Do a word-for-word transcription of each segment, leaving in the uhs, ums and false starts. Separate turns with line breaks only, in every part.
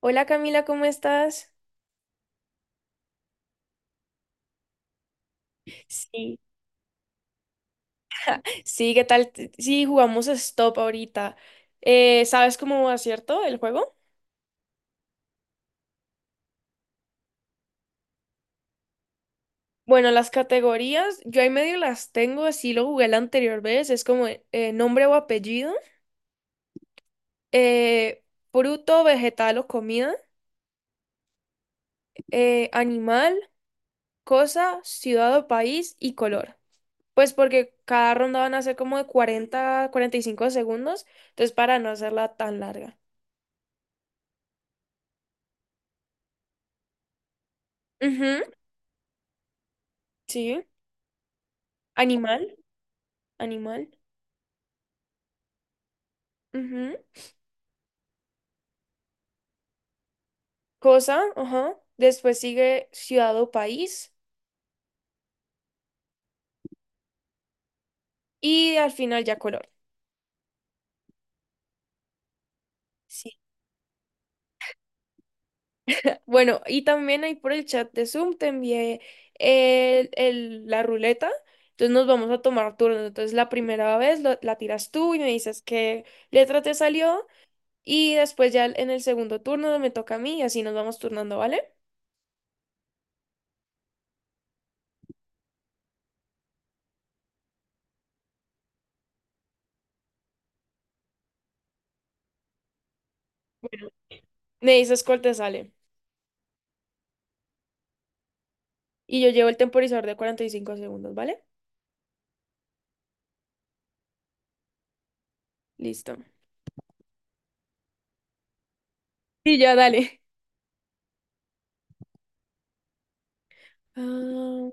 Hola Camila, ¿cómo estás? Sí, sí, ¿qué tal? T- Sí, jugamos Stop ahorita. Eh, ¿sabes cómo va, cierto, el juego? Bueno, las categorías, yo ahí medio las tengo, así lo jugué la anterior vez, es como eh, nombre o apellido, eh, fruto, vegetal o comida, eh, animal, cosa, ciudad o país y color. Pues porque cada ronda van a ser como de cuarenta, cuarenta y cinco segundos, entonces para no hacerla tan larga. Ujú, sí, animal, animal. Ujú. Cosa, ajá. Después sigue ciudad o país y al final ya color. Sí. Bueno, y también ahí por el chat de Zoom te envié el- el- la ruleta. Entonces nos vamos a tomar turnos. Entonces la primera vez lo- la tiras tú y me dices qué letra te salió. Y después ya en el segundo turno me toca a mí y así nos vamos turnando, ¿vale? Me dices cuál te sale. Y yo llevo el temporizador de cuarenta y cinco segundos, ¿vale? Listo. Y ya, dale. Ah,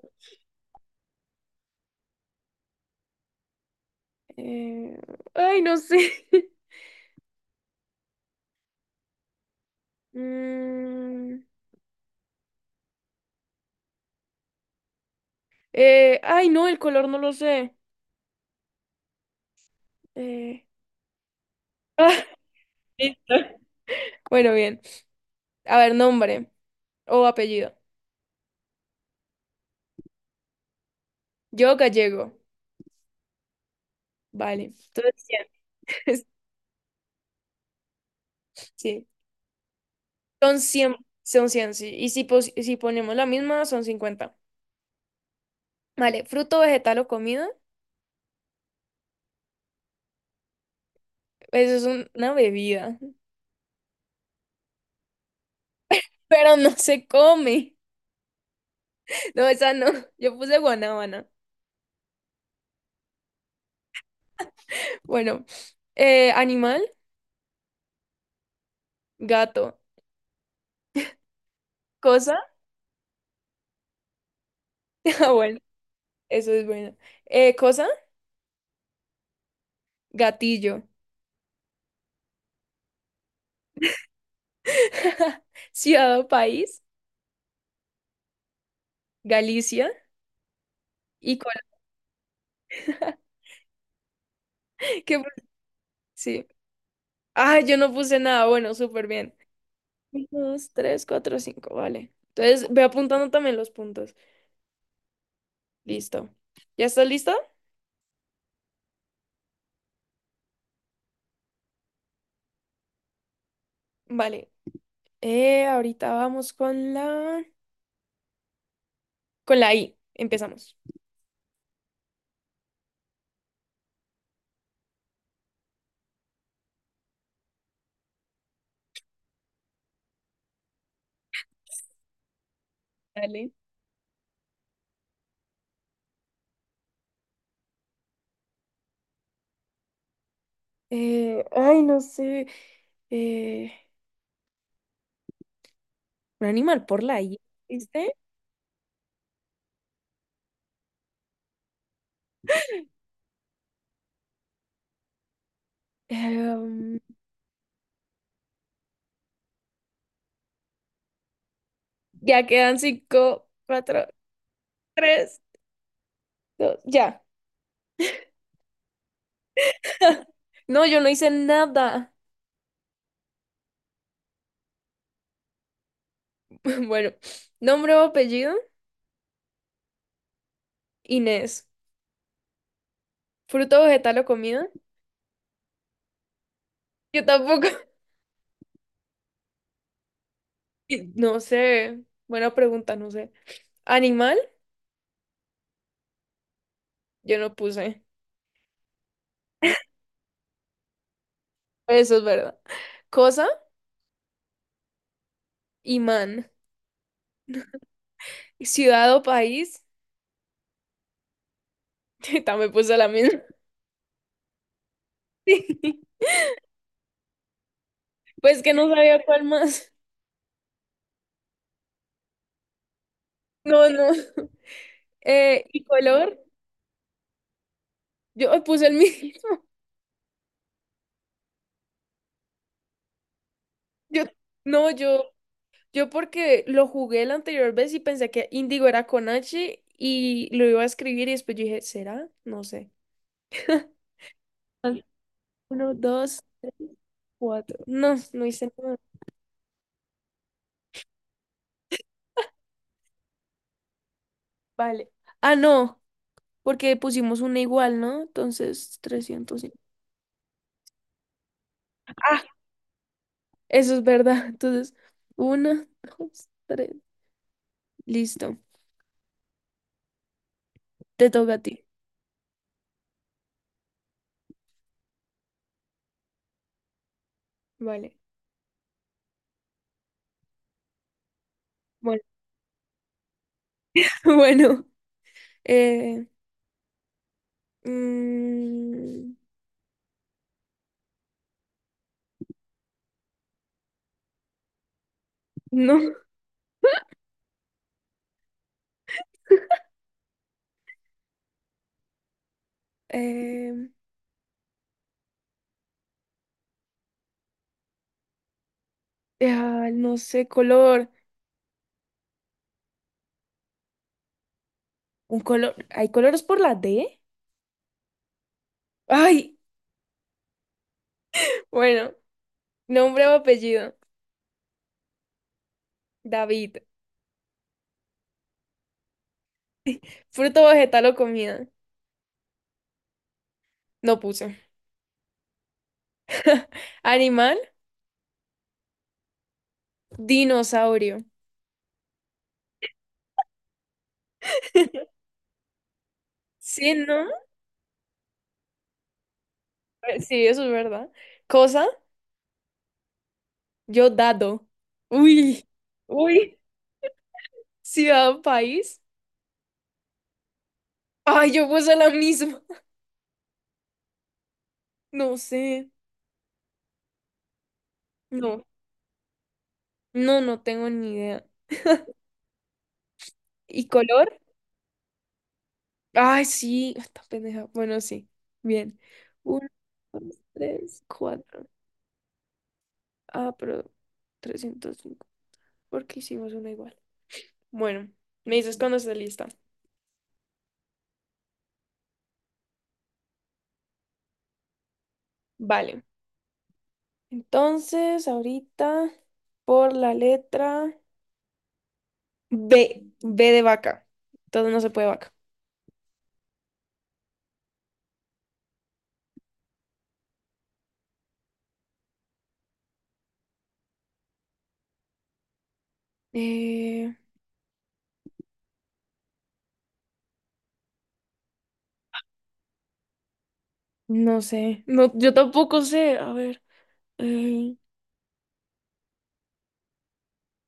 Eh, ay, no sé. Mm, eh, ay, no, el color no lo sé. Eh, ah, listo. Bueno, bien. A ver, nombre o apellido. Yo gallego. Vale. Entonces, cien. Sí. Son cien. Son cien, sí. Y si, pos- si ponemos la misma, son cincuenta. Vale. Fruto, vegetal o comida. Eso es un- una bebida. Pero no se come. No, esa no. Yo puse guanábana. Bueno. Eh, animal, gato. Cosa. Ah, bueno, eso es bueno. Eh, cosa, gatillo. Ciudad o país, Galicia. Y con... ¿Qué puse? Sí. Ah, yo no puse nada. Bueno, súper bien. Un, dos, tres, cuatro, cinco. Vale. Entonces, ve apuntando también los puntos. Listo. ¿Ya estás listo? Vale. Eh, ahorita vamos con la... Con la I. Empezamos. Dale. Eh, ay, no sé. Eh, un animal por la I. ¿Viste? Em, Ya quedan cinco, cuatro, tres, dos, ya. No, yo no hice nada. Bueno, nombre o apellido, Inés. Fruto, vegetal o comida. Yo tampoco. Y no sé. Buena pregunta, no sé. Animal, yo no puse. Eso es verdad. Cosa, imán. Ciudad o país, también puse la misma. Sí. Pues que no sabía cuál más. No, no. Eh, y color, yo puse el mismo. Yo, no, yo yo porque lo jugué la anterior vez y pensé que Indigo era con H y lo iba a escribir y después yo dije, ¿será? No sé. Al- Uno, dos, cuatro. No, no hice nada. Vale. Ah, no, porque pusimos una igual, ¿no? Entonces, trescientos. Ah, eso es verdad. Entonces, uno, dos, tres. Listo. Te toca a ti. Vale. Bueno, bueno. eh, mm, no. eh, ah, no sé, color. Un color, ¿hay colores por la D? Ay, bueno, nombre o apellido. David. Fruto, vegetal o comida. No puse. Animal, dinosaurio. Sí, ¿no? Eh, Sí, eso es verdad. Cosa, yo dado. Uy, uy. Ciudad o país. Ay, yo puse la misma. No sé. No, no, no tengo ni idea. ¿Y color? Ay, sí, esta pendeja. Bueno, sí. Bien. Uno, dos, tres, cuatro. Ah, pero trescientos cinco. Porque hicimos una igual. Bueno, me dices cuando esté lista. Vale. Entonces, ahorita, por la letra B. B de vaca. Entonces no se puede vaca. Eh, no sé. No, yo tampoco sé. A ver. eh,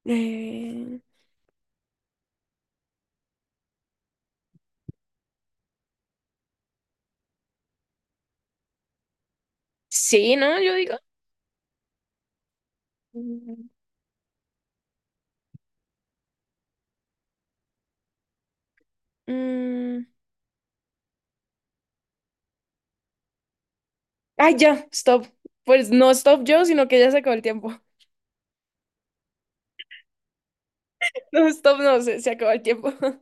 eh, Sí, ¿no? Yo digo. Mm, Ay, ya, stop. Pues no stop yo, sino que ya se acabó el tiempo. No, stop, no, se, se acabó el tiempo.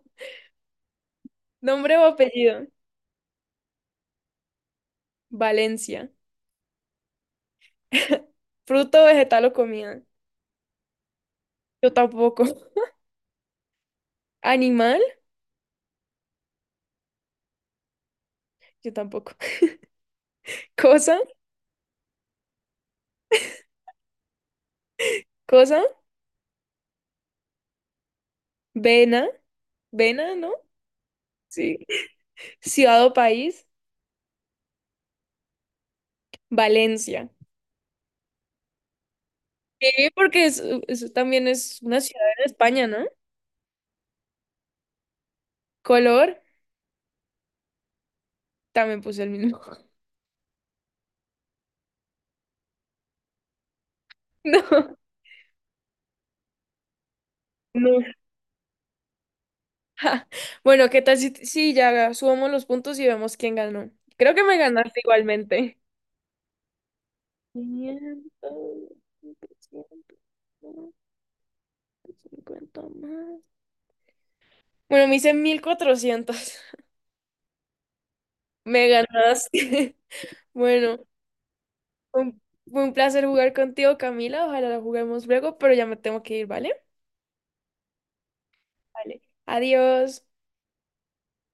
Nombre o apellido. Valencia. Fruto, vegetal o comida. Yo tampoco. Animal, yo tampoco. Cosa, cosa, vena, vena, ¿no? Sí. Ciudad o país, Valencia. Sí, porque es- eso también es una ciudad en España, ¿no? Color, también puse el mismo. No, no. Bueno, ¿qué tal si, si ya subamos los puntos y vemos quién ganó? Creo que me ganaste igualmente. quinientos, setecientos, cincuenta más. Bueno, me hice mil cuatrocientos. Me ganaste. Bueno, un- fue un placer jugar contigo, Camila. Ojalá la juguemos luego, pero ya me tengo que ir, ¿vale? Vale. Adiós.